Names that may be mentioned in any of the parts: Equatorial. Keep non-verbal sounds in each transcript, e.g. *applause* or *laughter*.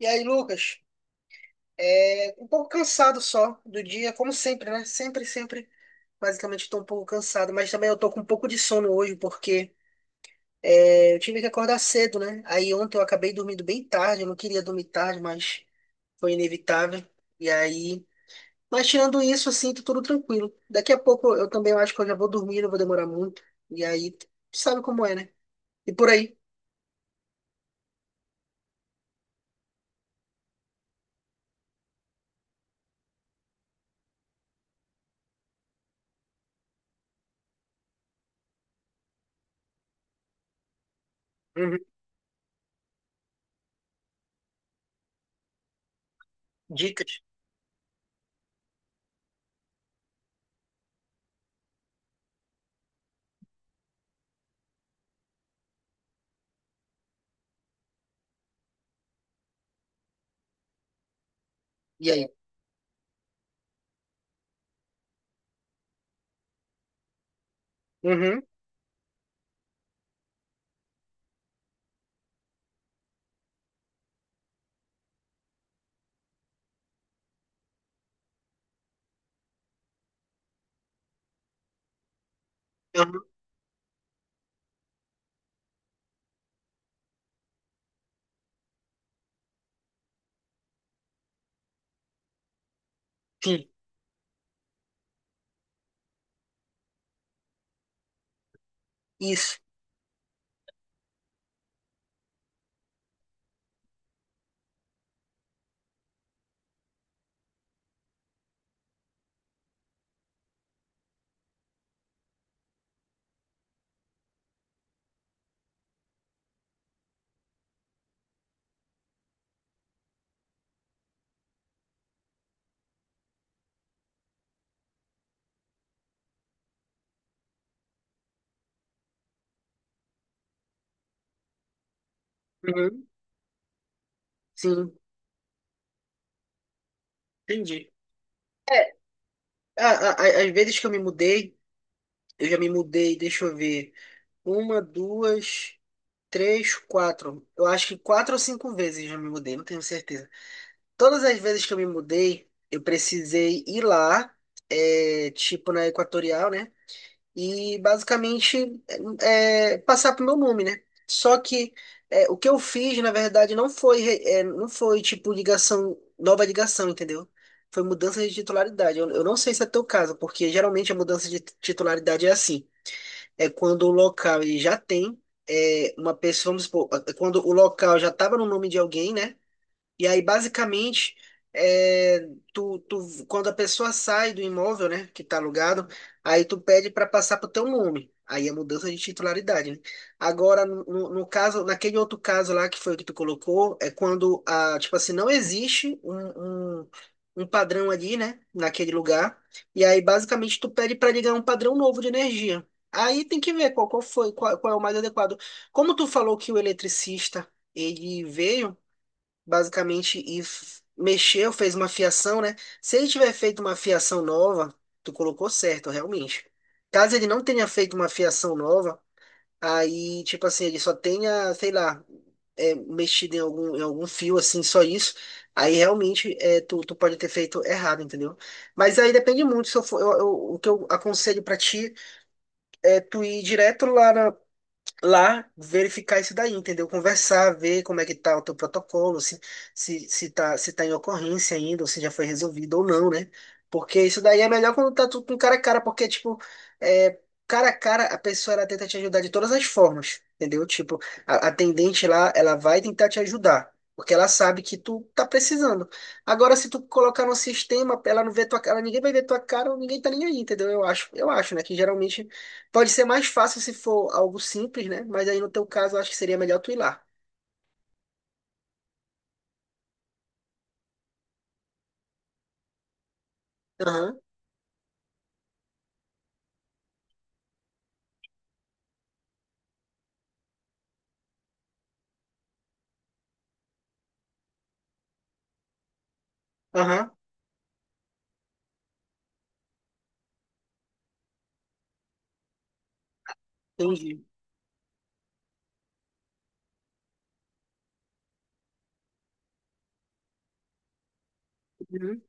E aí, Lucas, um pouco cansado só do dia, como sempre, né? Basicamente, estou um pouco cansado, mas também eu tô com um pouco de sono hoje, porque eu tive que acordar cedo, né? Aí ontem eu acabei dormindo bem tarde, eu não queria dormir tarde, mas foi inevitável. E aí, mas tirando isso, assim, tô tudo tranquilo. Daqui a pouco eu também acho que eu já vou dormir, não vou demorar muito. E aí, tu sabe como é, né? E por aí. Uhum. Dicas. E aí? Uhum. Uhum. Sim. Isso. Uhum. Sim. Entendi. É, Às vezes que eu me mudei, eu já me mudei, deixa eu ver, uma, duas, três, quatro. Eu acho que quatro ou cinco vezes eu já me mudei, não tenho certeza. Todas as vezes que eu me mudei, eu precisei ir lá, tipo na Equatorial, né? E basicamente passar pro meu nome, né? Só que o que eu fiz, na verdade, não foi tipo ligação, nova ligação, entendeu? Foi mudança de titularidade. Eu não sei se é teu caso, porque geralmente a mudança de titularidade é assim. É quando o local ele já tem uma pessoa, vamos supor, é quando o local já estava no nome de alguém, né? E aí, basicamente, é, quando a pessoa sai do imóvel, né, que tá alugado, aí tu pede para passar para o teu nome. Aí é mudança de titularidade, né? Agora, no caso, naquele outro caso lá que foi o que tu colocou, é quando, a, tipo assim, não existe um padrão ali, né, naquele lugar. E aí, basicamente, tu pede para ligar um padrão novo de energia. Aí tem que ver qual é o mais adequado. Como tu falou que o eletricista ele veio basicamente e mexeu, fez uma fiação, né? Se ele tiver feito uma fiação nova, tu colocou certo, realmente. Caso ele não tenha feito uma fiação nova, aí, tipo assim, ele só tenha, sei lá, mexido em algum fio, assim, só isso, aí realmente tu pode ter feito errado, entendeu? Mas aí depende muito, se eu for, eu- eu- o que eu aconselho pra ti é tu ir direto lá verificar isso daí, entendeu? Conversar, ver como é que tá o teu protocolo, se tá em ocorrência ainda, ou se já foi resolvido ou não, né? Porque isso daí é melhor quando tá tudo com cara a cara, porque, tipo, é, cara a cara, a pessoa, ela tenta te ajudar de todas as formas, entendeu? Tipo, a atendente lá, ela vai tentar te ajudar. Porque ela sabe que tu tá precisando. Agora, se tu colocar no sistema, ela não vê tua cara, ninguém vai ver tua cara, ninguém tá nem aí, entendeu? Eu acho, né? Que geralmente pode ser mais fácil se for algo simples, né? Mas aí no teu caso, eu acho que seria melhor tu ir lá. Aham, aham, entendi. Uhum,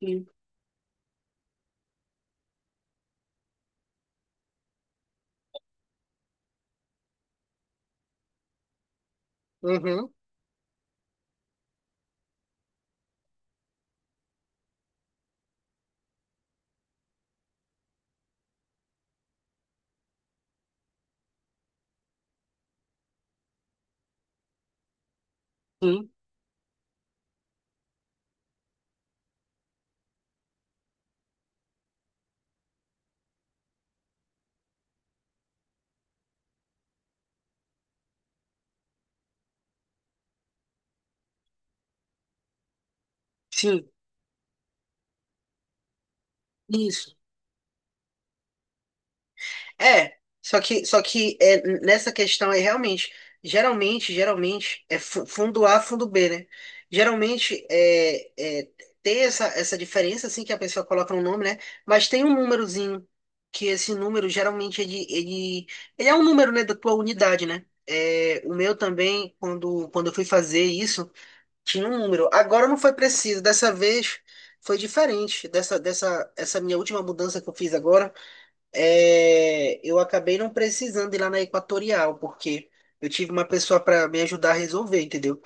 sim, uhum, sim, sim, isso. É, nessa questão aí, realmente, geralmente, é fundo A, fundo B, né? Geralmente, tem essa, essa diferença, assim, que a pessoa coloca um nome, né? Mas tem um númerozinho, que esse número, geralmente, ele é um número, né, da tua unidade, né? É, o meu também, quando eu fui fazer isso, tinha um número. Agora não foi preciso, dessa vez foi diferente, essa minha última mudança que eu fiz agora, eu acabei não precisando ir lá na Equatorial, porque eu tive uma pessoa para me ajudar a resolver, entendeu?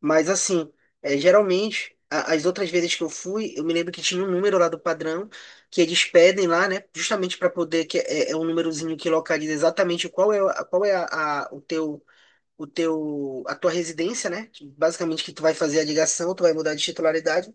Mas assim, é, geralmente, as outras vezes que eu fui, eu me lembro que tinha um número lá do padrão que eles pedem lá, né? Justamente para poder, é um númerozinho que localiza exatamente qual é o teu. O teu, a tua residência, né? Que basicamente, que tu vai fazer a ligação, tu vai mudar de titularidade.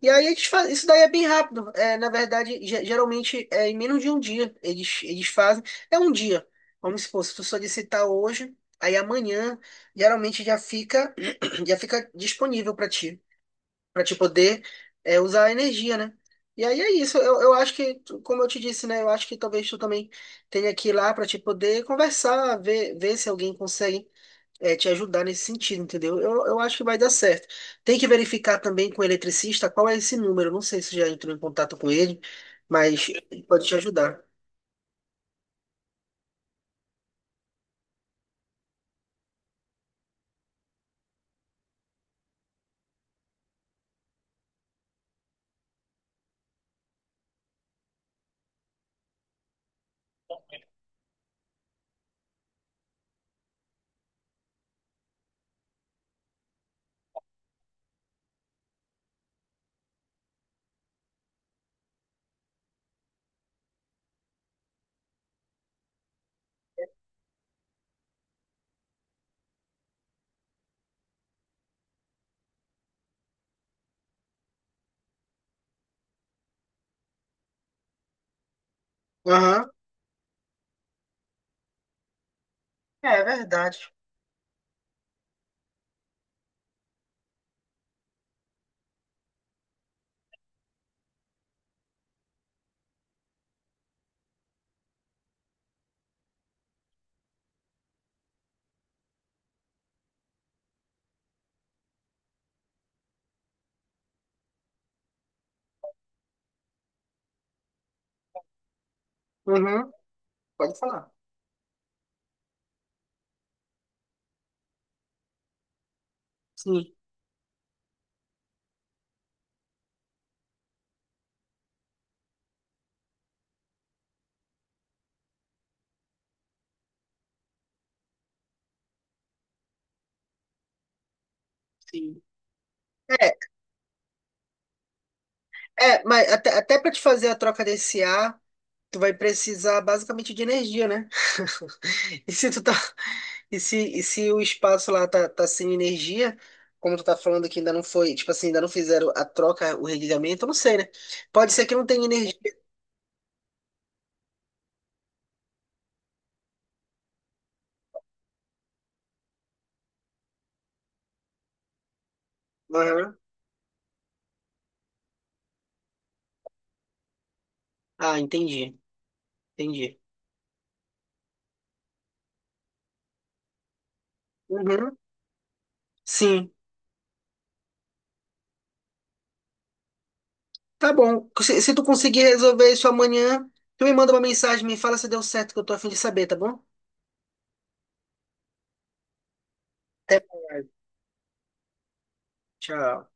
E aí eles fazem, isso daí é bem rápido. É, na verdade, geralmente é em menos de um dia eles, eles fazem. É um dia. Vamos supor, se tu solicitar hoje, aí amanhã geralmente já fica *clears throat* já fica disponível para ti, para te poder usar a energia, né? E aí é isso. Eu acho que, tu- como eu te disse, né? Eu acho que talvez tu também tenha que ir lá para te poder conversar, ver se alguém consegue te ajudar nesse sentido, entendeu? Eu acho que vai dar certo. Tem que verificar também com o eletricista qual é esse número. Não sei se já entrou em contato com ele, mas ele pode te ajudar. Aham, é verdade. Uhum, pode falar. Sim, sim. É, mas até para te fazer a troca desse ar, tu vai precisar basicamente de energia, né? *laughs* E se tu tá, e se o espaço lá tá, tá sem energia, como tu tá falando que ainda não foi, tipo assim, ainda não fizeram a troca, o religamento, eu não sei, né? Pode ser que não tenha energia. Aham. Ah, entendi, entendi. Uhum. Sim, tá bom. Se tu conseguir resolver isso amanhã, tu me manda uma mensagem, me fala se deu certo, que eu tô a fim de saber, tá bom? Até. Tchau.